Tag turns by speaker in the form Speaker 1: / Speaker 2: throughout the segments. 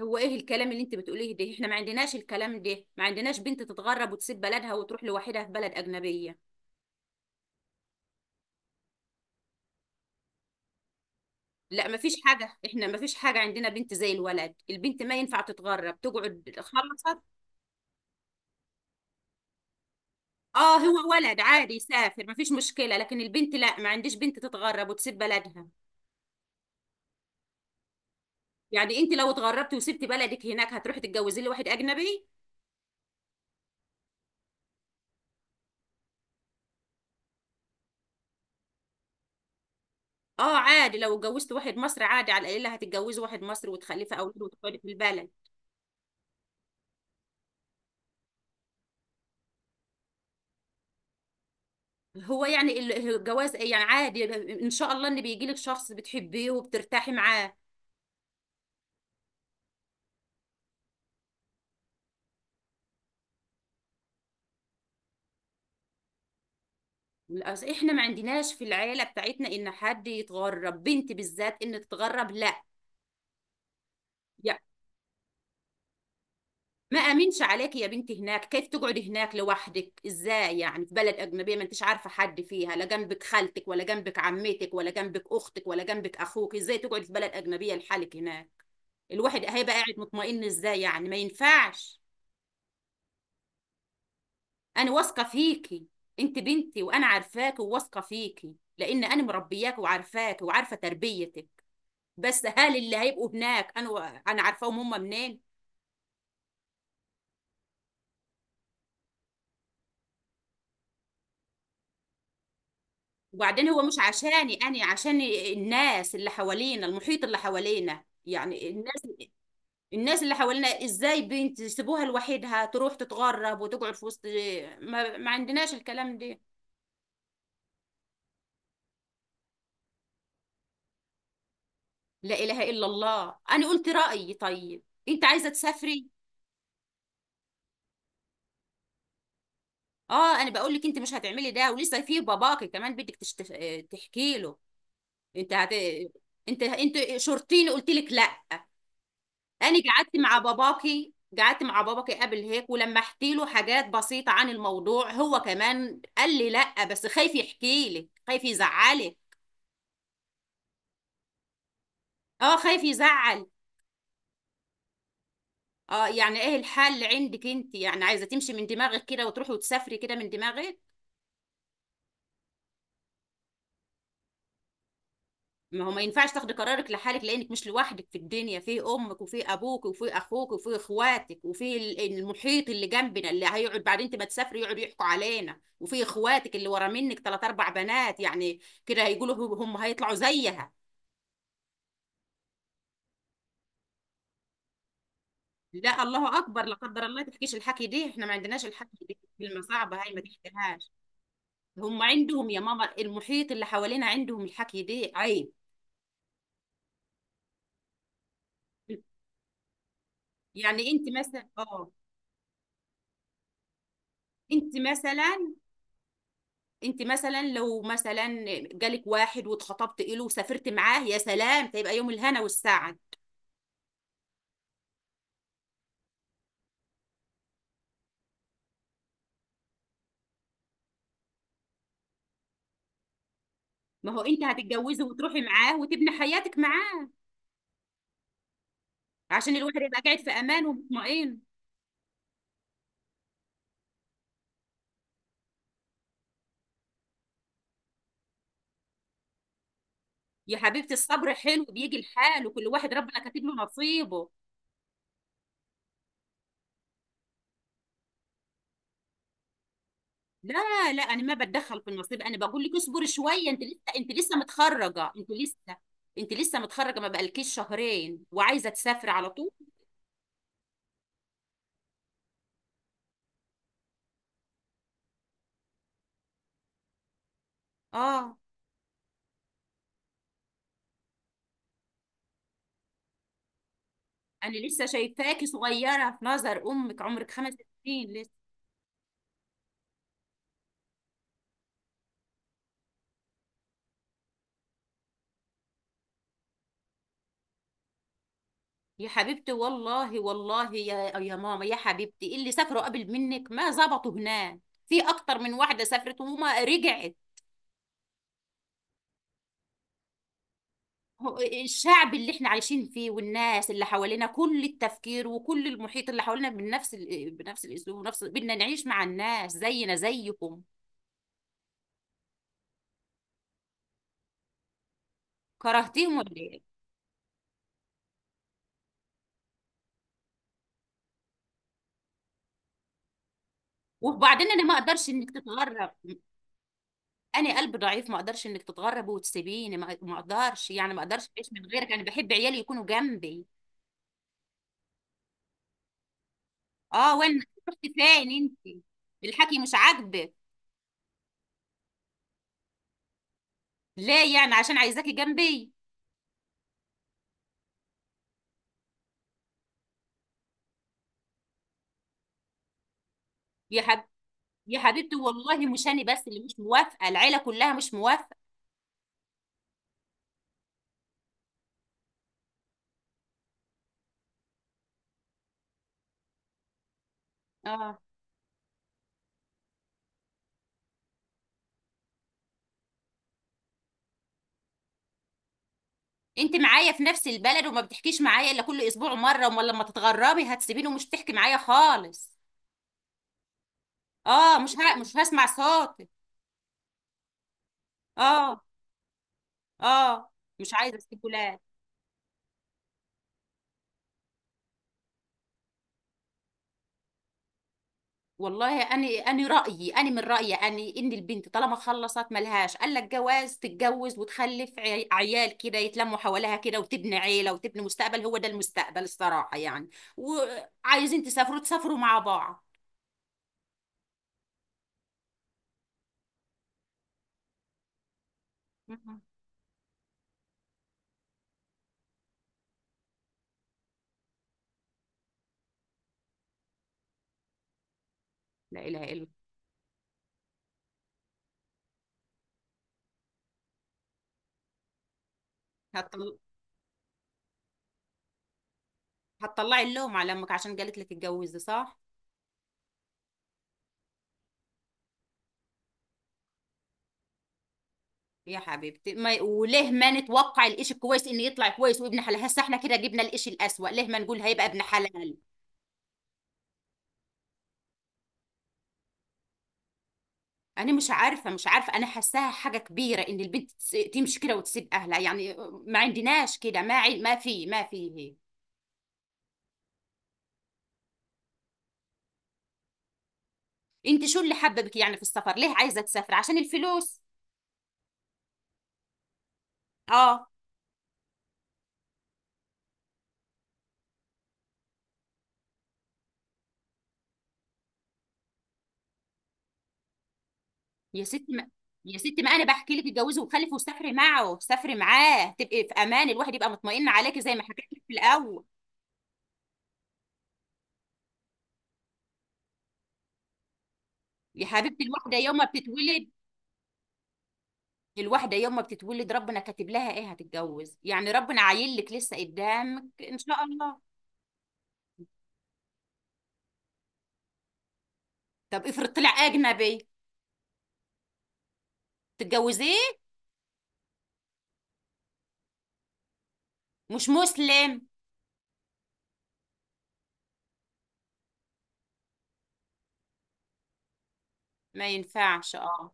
Speaker 1: هو ايه الكلام اللي انت بتقوليه ده؟ احنا ما عندناش الكلام ده، ما عندناش بنت تتغرب وتسيب بلدها وتروح لوحدها في بلد اجنبيه. لا، ما فيش حاجه، احنا ما فيش حاجه عندنا بنت زي الولد، البنت ما ينفع تتغرب تقعد، خلصت. اه، هو ولد عادي يسافر ما فيش مشكله، لكن البنت لا، ما عنديش بنت تتغرب وتسيب بلدها. يعني انت لو اتغربتي وسبتي بلدك هناك هتروحي تتجوزي لي واحد اجنبي؟ اه عادي، لو اتجوزت واحد مصري عادي على القليله هتتجوزي واحد مصري وتخلفي اولاد وتقعدي في البلد. هو يعني الجواز يعني عادي. ان شاء الله ان بيجي لك شخص بتحبيه وبترتاحي معاه. احنا ما عندناش في العيله بتاعتنا ان حد يتغرب، بنت بالذات ان تتغرب، لا. يعني ما امنش عليك يا بنتي هناك، كيف تقعدي هناك لوحدك ازاي يعني في بلد اجنبيه ما انتش عارفه حد فيها، لا جنبك خالتك ولا جنبك عمتك ولا جنبك اختك ولا جنبك اخوك، ازاي تقعدي في بلد اجنبيه لحالك هناك؟ الواحد هيبقى قاعد مطمئن ازاي يعني؟ ما ينفعش. انا واثقه فيكي. انت بنتي وانا عارفاكي وواثقه فيكي لان انا مربياكي وعارفاكي وعارفه تربيتك. بس هل اللي هيبقوا هناك انا انا عارفاهم هم منين؟ وبعدين هو مش عشاني انا، عشان الناس اللي حوالينا، المحيط اللي حوالينا يعني الناس. الناس اللي حوالينا ازاي بنت يسيبوها لوحدها تروح تتغرب وتقعد في وسط؟ ما عندناش الكلام ده. لا اله الا الله، انا قلت رايي، طيب. انت عايزه تسافري. اه، انا بقول لك انت مش هتعملي ده، ولسه في باباكي كمان بدك تحكي له. انت هت... انت شرطيني، قلت لك لا. انا قعدت مع باباكي. قعدت مع باباكي قبل هيك، ولما احكي له حاجات بسيطة عن الموضوع هو كمان قال لي لا، بس خايف يحكي لك، خايف يزعلك. اه خايف يزعل. اه، يعني ايه الحل عندك انت؟ يعني عايزة تمشي من دماغك كده وتروحي وتسافري كده من دماغك؟ ما هو ما ينفعش تاخدي قرارك لحالك، لانك مش لوحدك في الدنيا، في امك وفي ابوك وفي اخوك وفي اخواتك، وفي المحيط اللي جنبنا اللي هيقعد بعد انت ما تسافري يقعدوا يحكوا علينا، وفي اخواتك اللي ورا منك 3 4 بنات يعني. كده هيقولوا هم هيطلعوا زيها. لا، الله اكبر، لا قدر الله ما تحكيش الحكي دي، احنا ما عندناش الحكي دي، كلمه صعبه هاي ما تحكيهاش. هم عندهم يا ماما، المحيط اللي حوالينا عندهم الحكي دي عيب. يعني انت مثلا اه. انت مثلا. انت مثلا لو مثلا جالك واحد واتخطبت له وسافرت معاه، يا سلام، هيبقى يوم الهنا والسعد. ما هو انت هتتجوزي وتروحي معاه وتبني حياتك معاه. عشان الواحد يبقى قاعد في امان ومطمئن. يا حبيبتي الصبر حلو، بيجي الحال، وكل واحد ربنا كاتب له نصيبه. لا لا، انا ما بتدخل في النصيب، انا بقول لك اصبري شويه، انت لسه متخرجه، انت لسه متخرجه، ما بقالكيش شهرين وعايزه تسافري على طول. اه، انا لسه شايفاكي صغيره، في نظر امك عمرك 5 سنين لسه. يا حبيبتي، والله والله يا ماما يا حبيبتي، اللي سافروا قبل منك ما ظبطوا هناك. في اكتر من واحده سافرت وما رجعت. هو الشعب اللي احنا عايشين فيه والناس اللي حوالينا، كل التفكير وكل المحيط اللي حوالينا بنفس بنفس الاسلوب، ونفس بدنا نعيش مع الناس زينا زيكم. كرهتيهم ولا ايه؟ وبعدين انا ما اقدرش انك تتغرب. انا قلب ضعيف، ما اقدرش انك تتغربي وتسيبيني، ما اقدرش يعني، ما اقدرش اعيش من غيرك، انا بحب عيالي يكونوا جنبي. اه وين؟ رحت فين انت؟ الحكي مش عاجبك؟ ليه يعني؟ عشان عايزاكي جنبي. يا حب... يا حبيبتي، والله مش انا بس اللي مش موافقه، العيله كلها مش موافقه. اه، انت معايا في نفس البلد وما بتحكيش معايا الا كل اسبوع مره، امال لما تتغربي هتسيبيني ومش تحكي معايا خالص. اه، مش هسمع صوتك. اه اه، مش عايزه اسيبه، لا. والله انا رايي، انا من رايي انا، ان البنت طالما خلصت، ملهاش قال لك جواز، تتجوز وتخلف عيال كده يتلموا حواليها كده، وتبني عيله وتبني مستقبل، هو ده المستقبل الصراحه يعني. وعايزين تسافروا تسافروا مع بعض. مهم. لا اله الا الله. هتطل... هتطلعي اللوم على امك عشان قالت لك اتجوزي، صح؟ يا حبيبتي ما... وليه ما نتوقع الإشي الكويس ان يطلع كويس وابن حلال؟ هسه احنا كده جبنا الإشي الأسوأ، ليه ما نقول هيبقى ابن حلال؟ انا مش عارفه مش عارفه، انا حاساها حاجه كبيره ان البنت تمشي كده وتسيب اهلها يعني. ما عندناش كده، ما في ما في هيك. انت شو اللي حببك يعني في السفر؟ ليه عايزه تسافر؟ عشان الفلوس؟ اه. يا ستي ما... يا ستي ما انا بحكي لك اتجوزي وخلفي وسافري، معه سافري معاه تبقي في امان، الواحد يبقى مطمئن عليكي زي ما حكيت لك في الاول. يا حبيبتي الواحده يوم ما بتتولد ربنا كاتب لها ايه هتتجوز يعني، ربنا عايل لك لسه قدامك ان شاء الله. طب افرض طلع اجنبي. تتجوزيه. مش مسلم. ما ينفعش اه.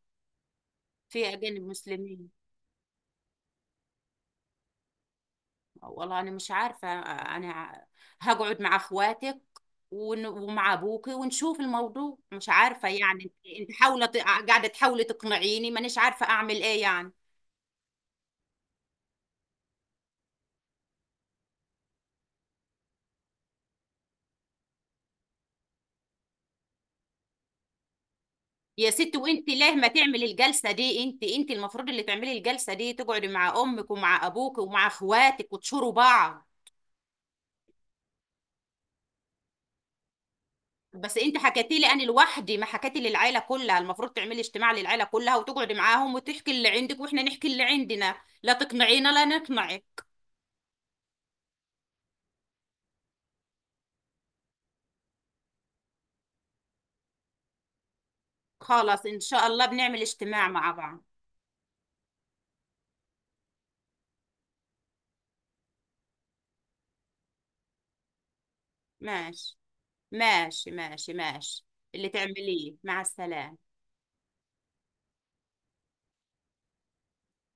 Speaker 1: في اجانب مسلمين. والله انا مش عارفه، انا هقعد مع اخواتك ومع ابوكي ونشوف الموضوع، مش عارفه يعني انت. انت قاعده تحاولي تقنعيني، مانيش عارفه اعمل ايه يعني. يا ست، وانت ليه ما تعمل الجلسه دي؟ انت المفروض اللي تعملي الجلسه دي، تقعدي مع امك ومع ابوك ومع اخواتك وتشوروا بعض. بس انت حكيتي لي انا لوحدي، ما حكيتي للعيله كلها، المفروض تعملي اجتماع للعيله كلها وتقعدي معاهم وتحكي اللي عندك واحنا نحكي اللي عندنا، لا تقنعينا لا نقنعك. خلاص، ان شاء الله بنعمل اجتماع مع بعض. ماشي، ماشي، ماشي، ماشي، اللي تعمليه مع السلامه.